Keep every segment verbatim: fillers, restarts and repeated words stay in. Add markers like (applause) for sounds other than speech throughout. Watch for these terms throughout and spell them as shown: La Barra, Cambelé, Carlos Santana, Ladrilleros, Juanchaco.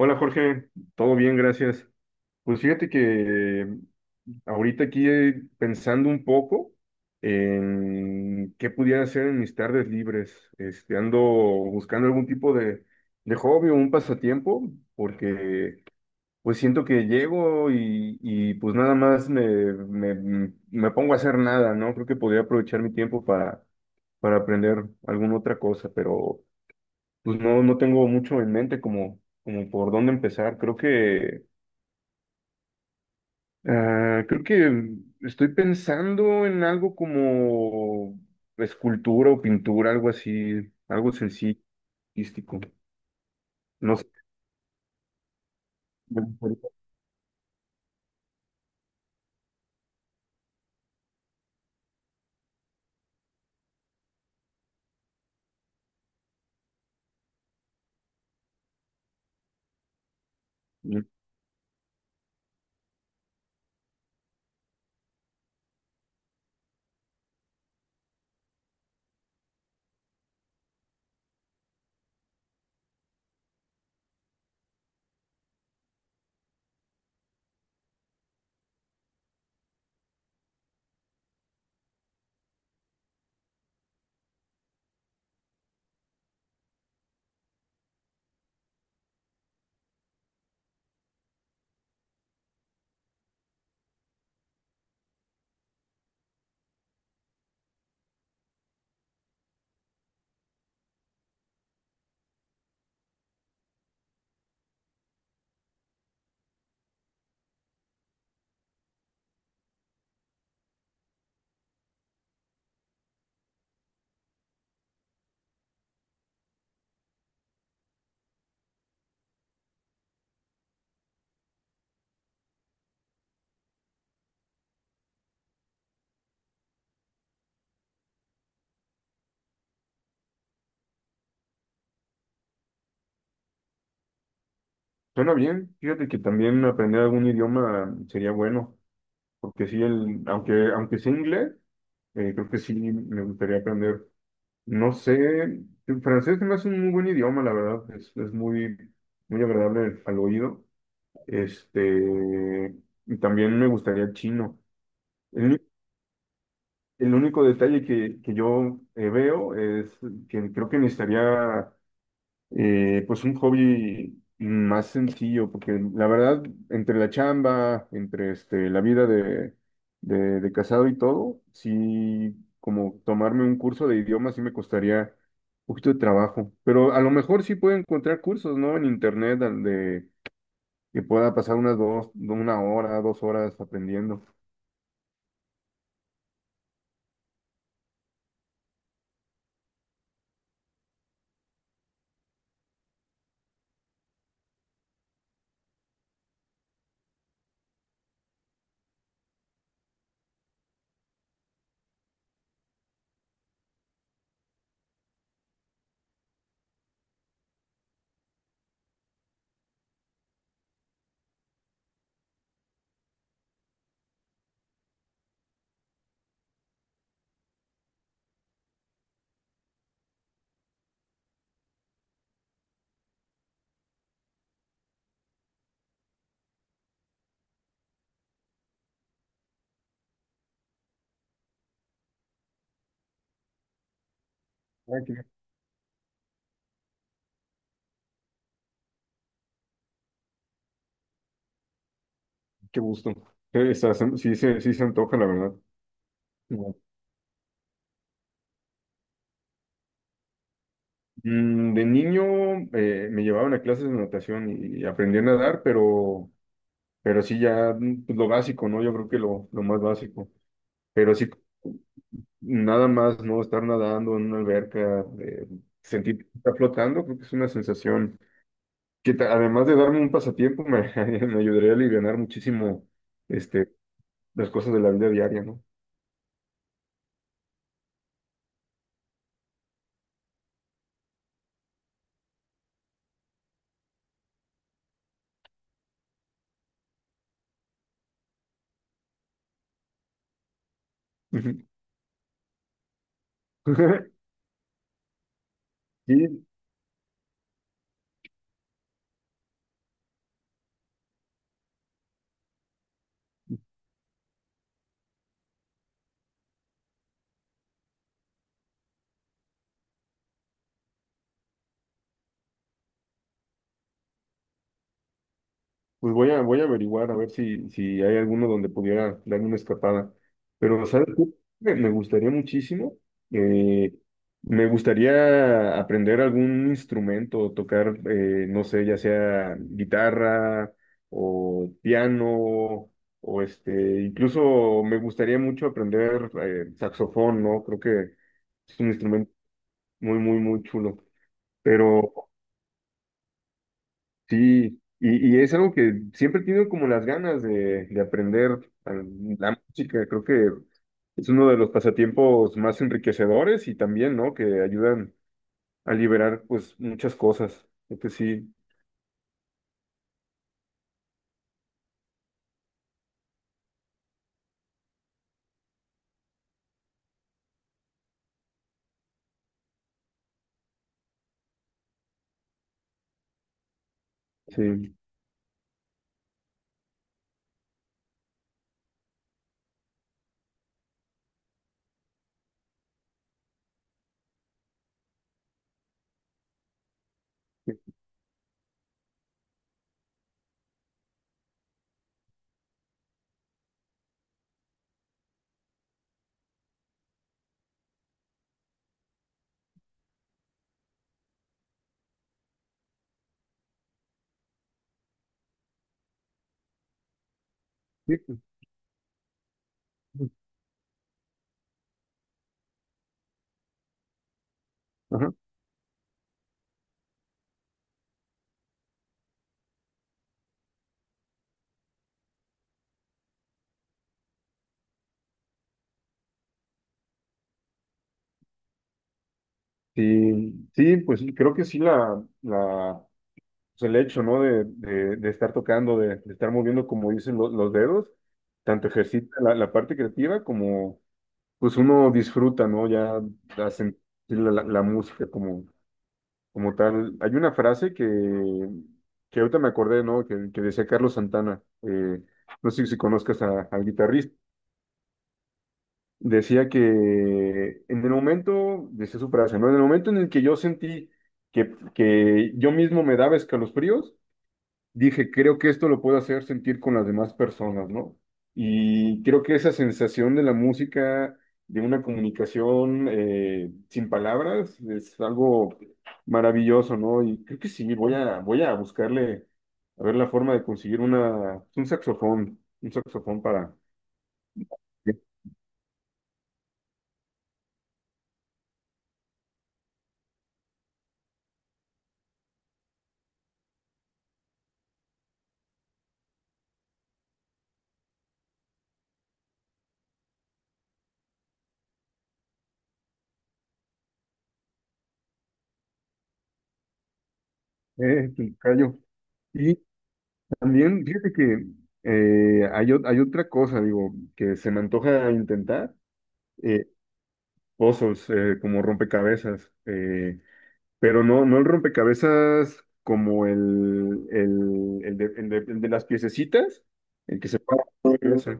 Hola Jorge, todo bien, gracias. Pues fíjate que ahorita aquí eh, pensando un poco en qué pudiera hacer en mis tardes libres, este, ando buscando algún tipo de, de hobby o un pasatiempo, porque pues siento que llego y, y, pues nada más me, me, mm, me pongo a hacer nada, ¿no? Creo que podría aprovechar mi tiempo para, para aprender alguna otra cosa, pero... Pues no, no tengo mucho en mente como, como por dónde empezar. Creo que, ah, creo que estoy pensando en algo como escultura o pintura, algo así, algo sencillo, artístico. No sé. Suena bien. Fíjate que también aprender algún idioma sería bueno, porque sí, el, aunque, aunque sea inglés, eh, creo que sí me gustaría aprender. No sé, el francés se me hace un muy buen idioma, la verdad. Es, es muy, muy agradable al oído. Este, y también me gustaría el chino. El, uni- el único detalle que, que yo eh, veo es que creo que necesitaría eh, pues un hobby más sencillo, porque la verdad, entre la chamba, entre este, la vida de, de, de casado y todo, sí, como tomarme un curso de idioma sí me costaría un poquito de trabajo. Pero a lo mejor sí puedo encontrar cursos, ¿no? En internet de, que pueda pasar unas dos, una hora, dos horas aprendiendo. Ay, qué, qué gusto. Eh, está- sí, se sí se antoja, la verdad. Ujú. Mm, de niño eh, me llevaban a clases de natación y, y aprendí a nadar, pero, pero sí ya mm, pues, lo básico, ¿no? Yo creo que lo, lo más básico. Pero sí, nada más, ¿no? Estar nadando en una alberca, eh, sentir que está flotando, creo que es una sensación que ta- además de darme un pasatiempo, me, (laughs) me ayudaría a alivianar muchísimo este, las cosas de la vida diaria, ¿no? Ujú. (laughs) Sí, pues voy a, voy a averiguar a ver si, si hay alguno donde pudiera darme una escapada. Pero, ¿sabes qué? Me me gustaría muchísimo. eh, Me gustaría aprender algún instrumento, tocar, eh, no sé, ya sea guitarra o piano, o este, incluso me gustaría mucho aprender eh, saxofón, ¿no? Creo que es un instrumento muy, muy, muy chulo. Pero. Sí, y, y es algo que siempre he tenido como las ganas de, de aprender al- la música. Creo que es uno de los pasatiempos más enriquecedores y también, ¿no? Que ayudan a liberar, pues, muchas cosas. Creo que sí, sí. Sí, sí, sí. Ajá. Sí, sí, pues sí, creo que sí la, la, pues, el hecho, ¿no? De, de, de estar tocando, de, de estar moviendo, como dicen lo- los dedos, tanto ejercita la, la parte creativa como pues uno disfruta, ¿no? Ya la, sen- la, la- la música como, como tal. Hay una frase que, que ahorita me acordé, ¿no? Que, que decía Carlos Santana, eh, no sé si conozcas a- al guitarrista, decía que en el momento, decía su frase, ¿no? En el momento en el que yo sentí que, que yo mismo me daba escalofríos, dije, creo que esto lo puedo hacer sentir con las demás personas, ¿no? Y creo que esa sensación de la música, de una comunicación eh, sin palabras, es algo maravilloso, ¿no? Y creo que sí, voy a, voy a buscarle, a ver la forma de conseguir una, un saxofón, un saxofón para... Eh, callo. Y también, fíjate que eh, hay, o- hay otra cosa, digo, que se me antoja intentar. eh, Puzzles, eh, como rompecabezas, eh, pero no, no el rompecabezas como el, el, el de, el de- el de las piececitas, el que se para, ese,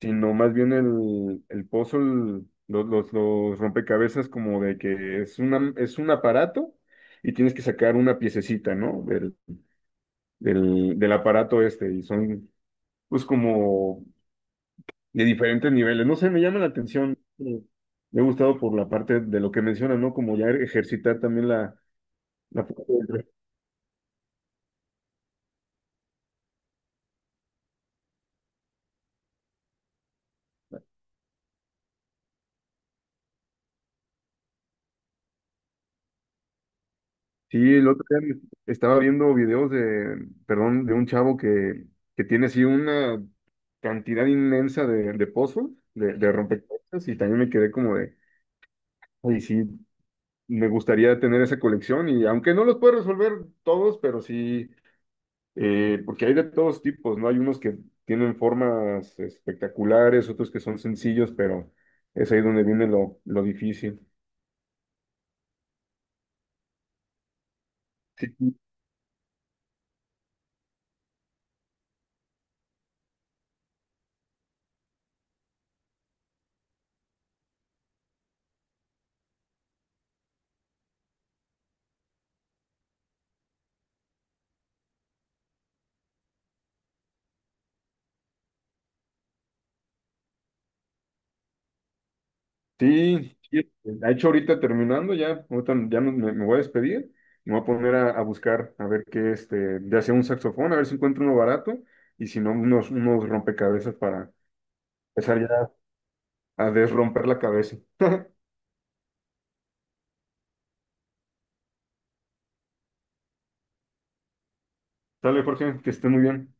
sino más bien el, el puzzle, los, los, los rompecabezas como de que es una, es un aparato y tienes que sacar una piececita, ¿no? Del, del, del aparato este, y son pues como de diferentes niveles. No sé, me llama la atención. Eh, me ha gustado por la parte de lo que mencionas, ¿no? Como ya ejercitar también la, la... parte del- Sí, el otro día me- estaba viendo videos de, perdón, de un chavo que, que tiene así una cantidad inmensa de, de puzzles, de, de rompecabezas, y también me quedé como de, ay, sí, me gustaría tener esa colección, y aunque no los puedo resolver todos, pero sí. Eh, porque hay de todos tipos, ¿no? Hay unos que tienen formas espectaculares, otros que son sencillos, pero es ahí donde viene lo, lo difícil. Sí, sí, sí. Este, de hecho, ahorita terminando, ya, ahorita ya me, me me voy a despedir. Me voy a poner a, a buscar, a ver qué, este, ya sea un saxofón, a ver si encuentro uno barato, y si no, unos, unos rompecabezas para empezar ya a desromper la cabeza. Dale, Jorge, que esté muy bien.